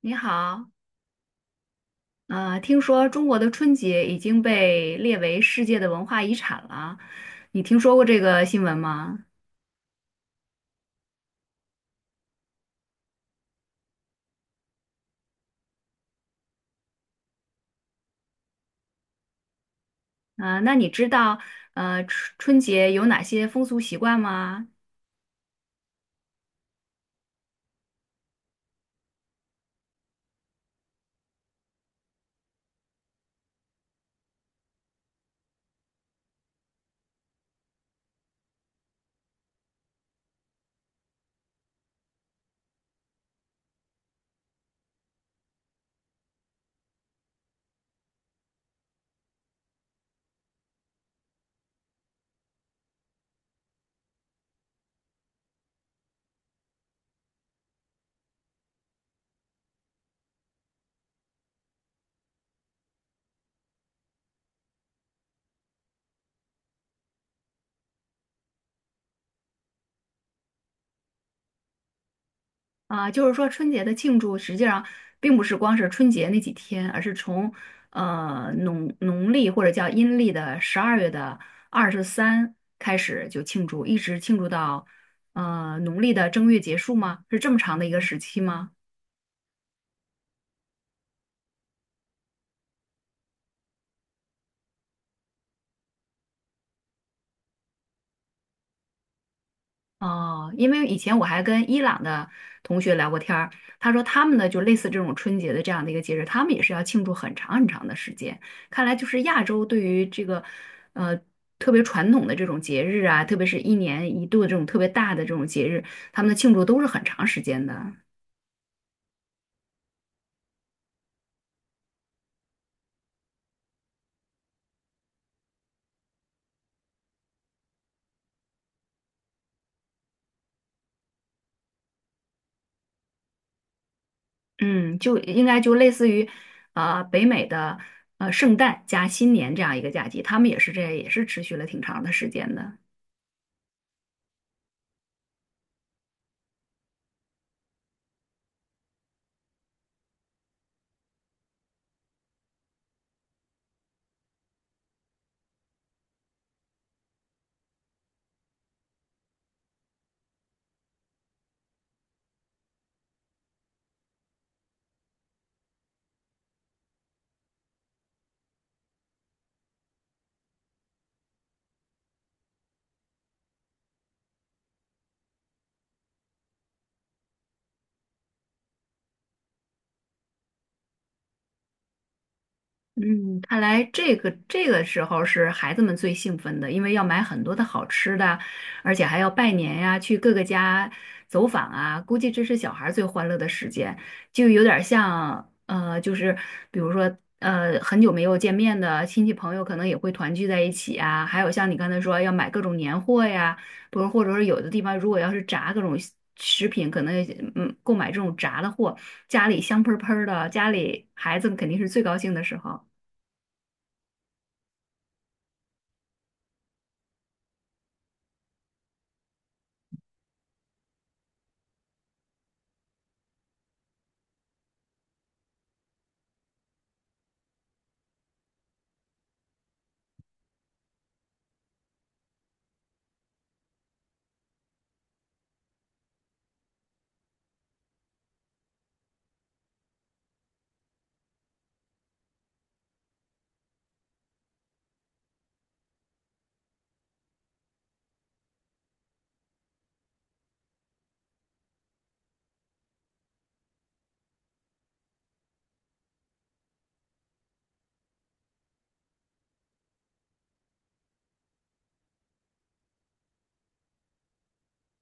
你好，听说中国的春节已经被列为世界的文化遗产了，你听说过这个新闻吗？那你知道，春节有哪些风俗习惯吗？啊、就是说春节的庆祝实际上并不是光是春节那几天，而是从农历或者叫阴历的十二月的二十三开始就庆祝，一直庆祝到农历的正月结束吗？是这么长的一个时期吗？哦，因为以前我还跟伊朗的同学聊过天儿，他说他们呢就类似这种春节的这样的一个节日，他们也是要庆祝很长很长的时间。看来就是亚洲对于这个，呃，特别传统的这种节日啊，特别是一年一度的这种特别大的这种节日，他们的庆祝都是很长时间的。嗯，就应该就类似于，北美的圣诞加新年这样一个假期，他们也是这也是持续了挺长的时间的。嗯，看来这个时候是孩子们最兴奋的，因为要买很多的好吃的，而且还要拜年呀，去各个家走访啊，估计这是小孩儿最欢乐的时间，就有点儿像,就是比如说很久没有见面的亲戚朋友，可能也会团聚在一起啊，还有像你刚才说要买各种年货呀，不是，或者说有的地方如果要是炸各种食品，可能购买这种炸的货，家里香喷喷儿的，家里孩子们肯定是最高兴的时候。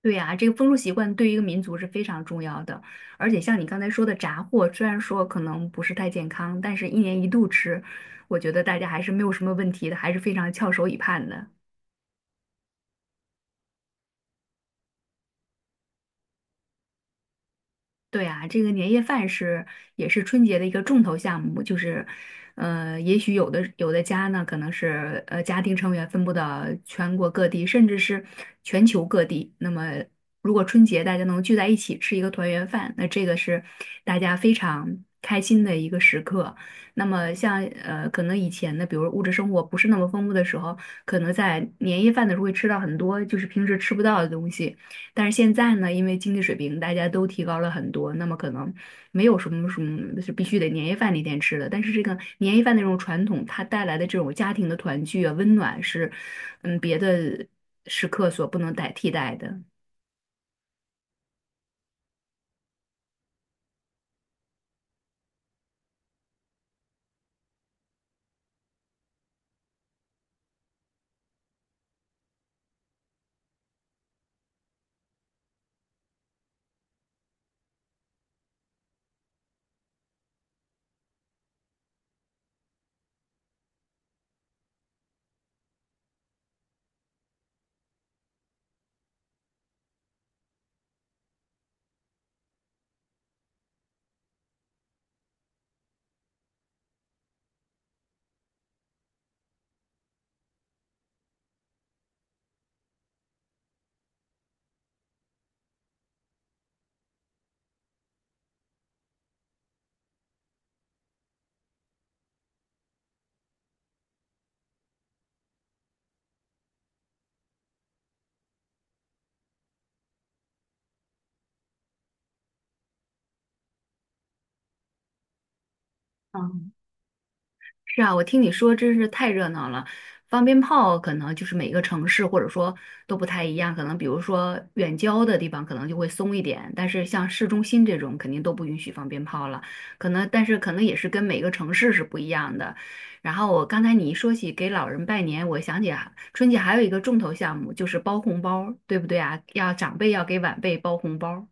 对呀，这个风俗习惯对于一个民族是非常重要的，而且像你刚才说的炸货，虽然说可能不是太健康，但是一年一度吃，我觉得大家还是没有什么问题的，还是非常翘首以盼的。对啊，这个年夜饭是也是春节的一个重头项目，就是，也许有的家呢，可能是家庭成员分布到全国各地，甚至是全球各地。那么，如果春节大家能聚在一起吃一个团圆饭，那这个是大家非常开心的一个时刻。那么像，可能以前的，比如物质生活不是那么丰富的时候，可能在年夜饭的时候会吃到很多就是平时吃不到的东西。但是现在呢，因为经济水平大家都提高了很多，那么可能没有什么是必须得年夜饭那天吃的。但是这个年夜饭那种传统，它带来的这种家庭的团聚啊、温暖是，嗯，别的时刻所不能代替代的。嗯，是啊，我听你说真是太热闹了。放鞭炮可能就是每个城市或者说都不太一样，可能比如说远郊的地方可能就会松一点，但是像市中心这种肯定都不允许放鞭炮了。可能但是可能也是跟每个城市是不一样的。然后我刚才你一说起给老人拜年，我想起啊春节还有一个重头项目就是包红包，对不对啊？要长辈要给晚辈包红包。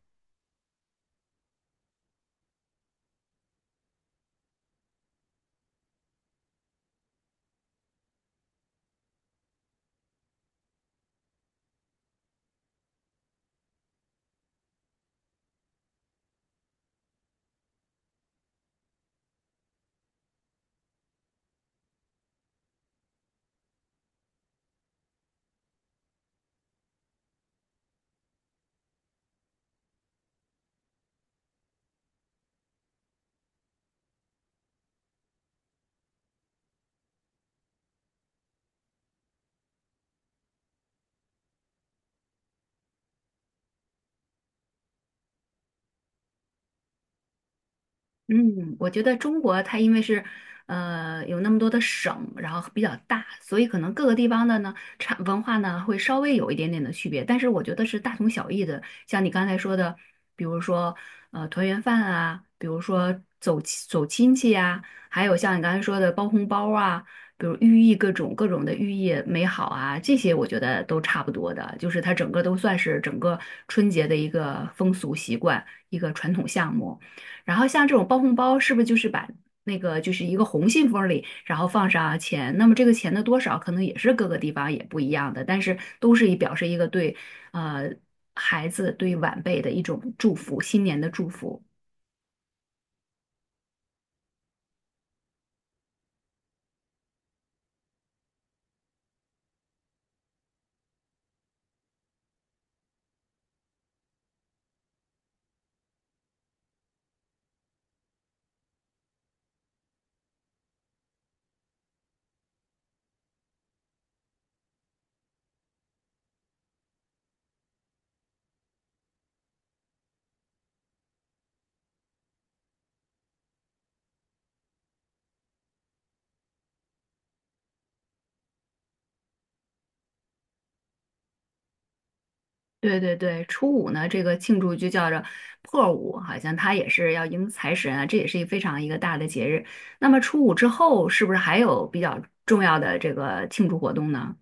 嗯，我觉得中国它因为是，有那么多的省，然后比较大，所以可能各个地方的呢，产文化呢会稍微有一点点的区别，但是我觉得是大同小异的。像你刚才说的，比如说团圆饭啊，比如说走亲戚啊，还有像你刚才说的包红包啊，比如寓意各种寓意美好啊，这些我觉得都差不多的，就是它整个都算是整个春节的一个风俗习惯，一个传统项目。然后像这种包红包，是不是就是把那个就是一个红信封里，然后放上啊钱？那么这个钱的多少，可能也是各个地方也不一样的，但是都是以表示一个对呃孩子、对晚辈的一种祝福，新年的祝福。对对对，初五呢，这个庆祝就叫着破五，好像它也是要迎财神啊，这也是一非常一个大的节日。那么初五之后，是不是还有比较重要的这个庆祝活动呢？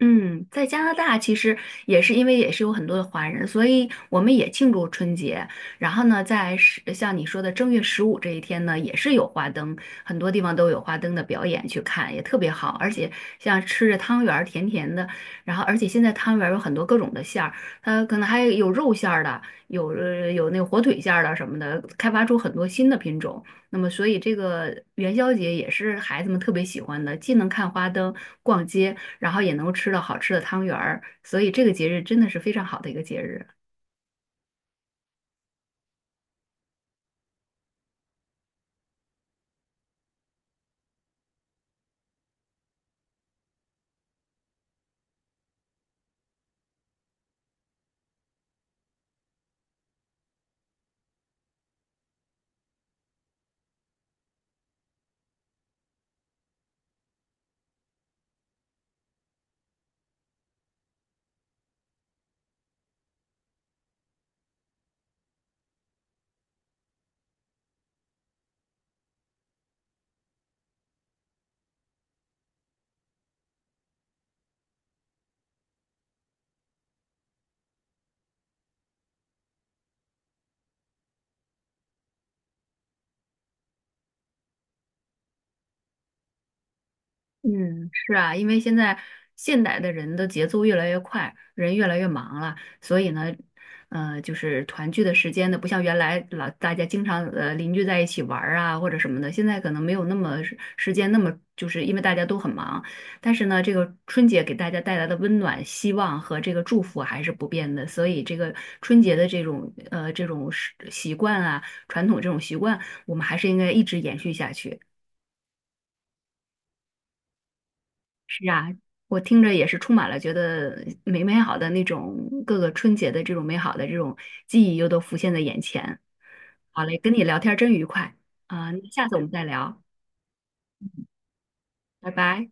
嗯，在加拿大其实也是因为也是有很多的华人，所以我们也庆祝春节。然后呢，在十像你说的正月十五这一天呢，也是有花灯，很多地方都有花灯的表演去看，也特别好。而且像吃着汤圆儿，甜甜的。然后，而且现在汤圆儿有很多各种的馅儿，它可能还有肉馅儿的，有有那个火腿馅儿的什么的，开发出很多新的品种。那么，所以这个元宵节也是孩子们特别喜欢的，既能看花灯、逛街。然后也能够吃到好吃的汤圆儿，所以这个节日真的是非常好的一个节日。嗯，是啊，因为现在现代的人的节奏越来越快，人越来越忙了，所以呢，就是团聚的时间呢，不像原来老大家经常邻居在一起玩儿啊或者什么的，现在可能没有那么时间那么，就是因为大家都很忙。但是呢，这个春节给大家带来的温暖、希望和这个祝福还是不变的，所以这个春节的这种这种习惯啊，传统这种习惯，我们还是应该一直延续下去。是啊，我听着也是充满了觉得美好的那种各个春节的这种美好的这种记忆又都浮现在眼前。好嘞，跟你聊天真愉快啊，那下次我们再聊，拜拜。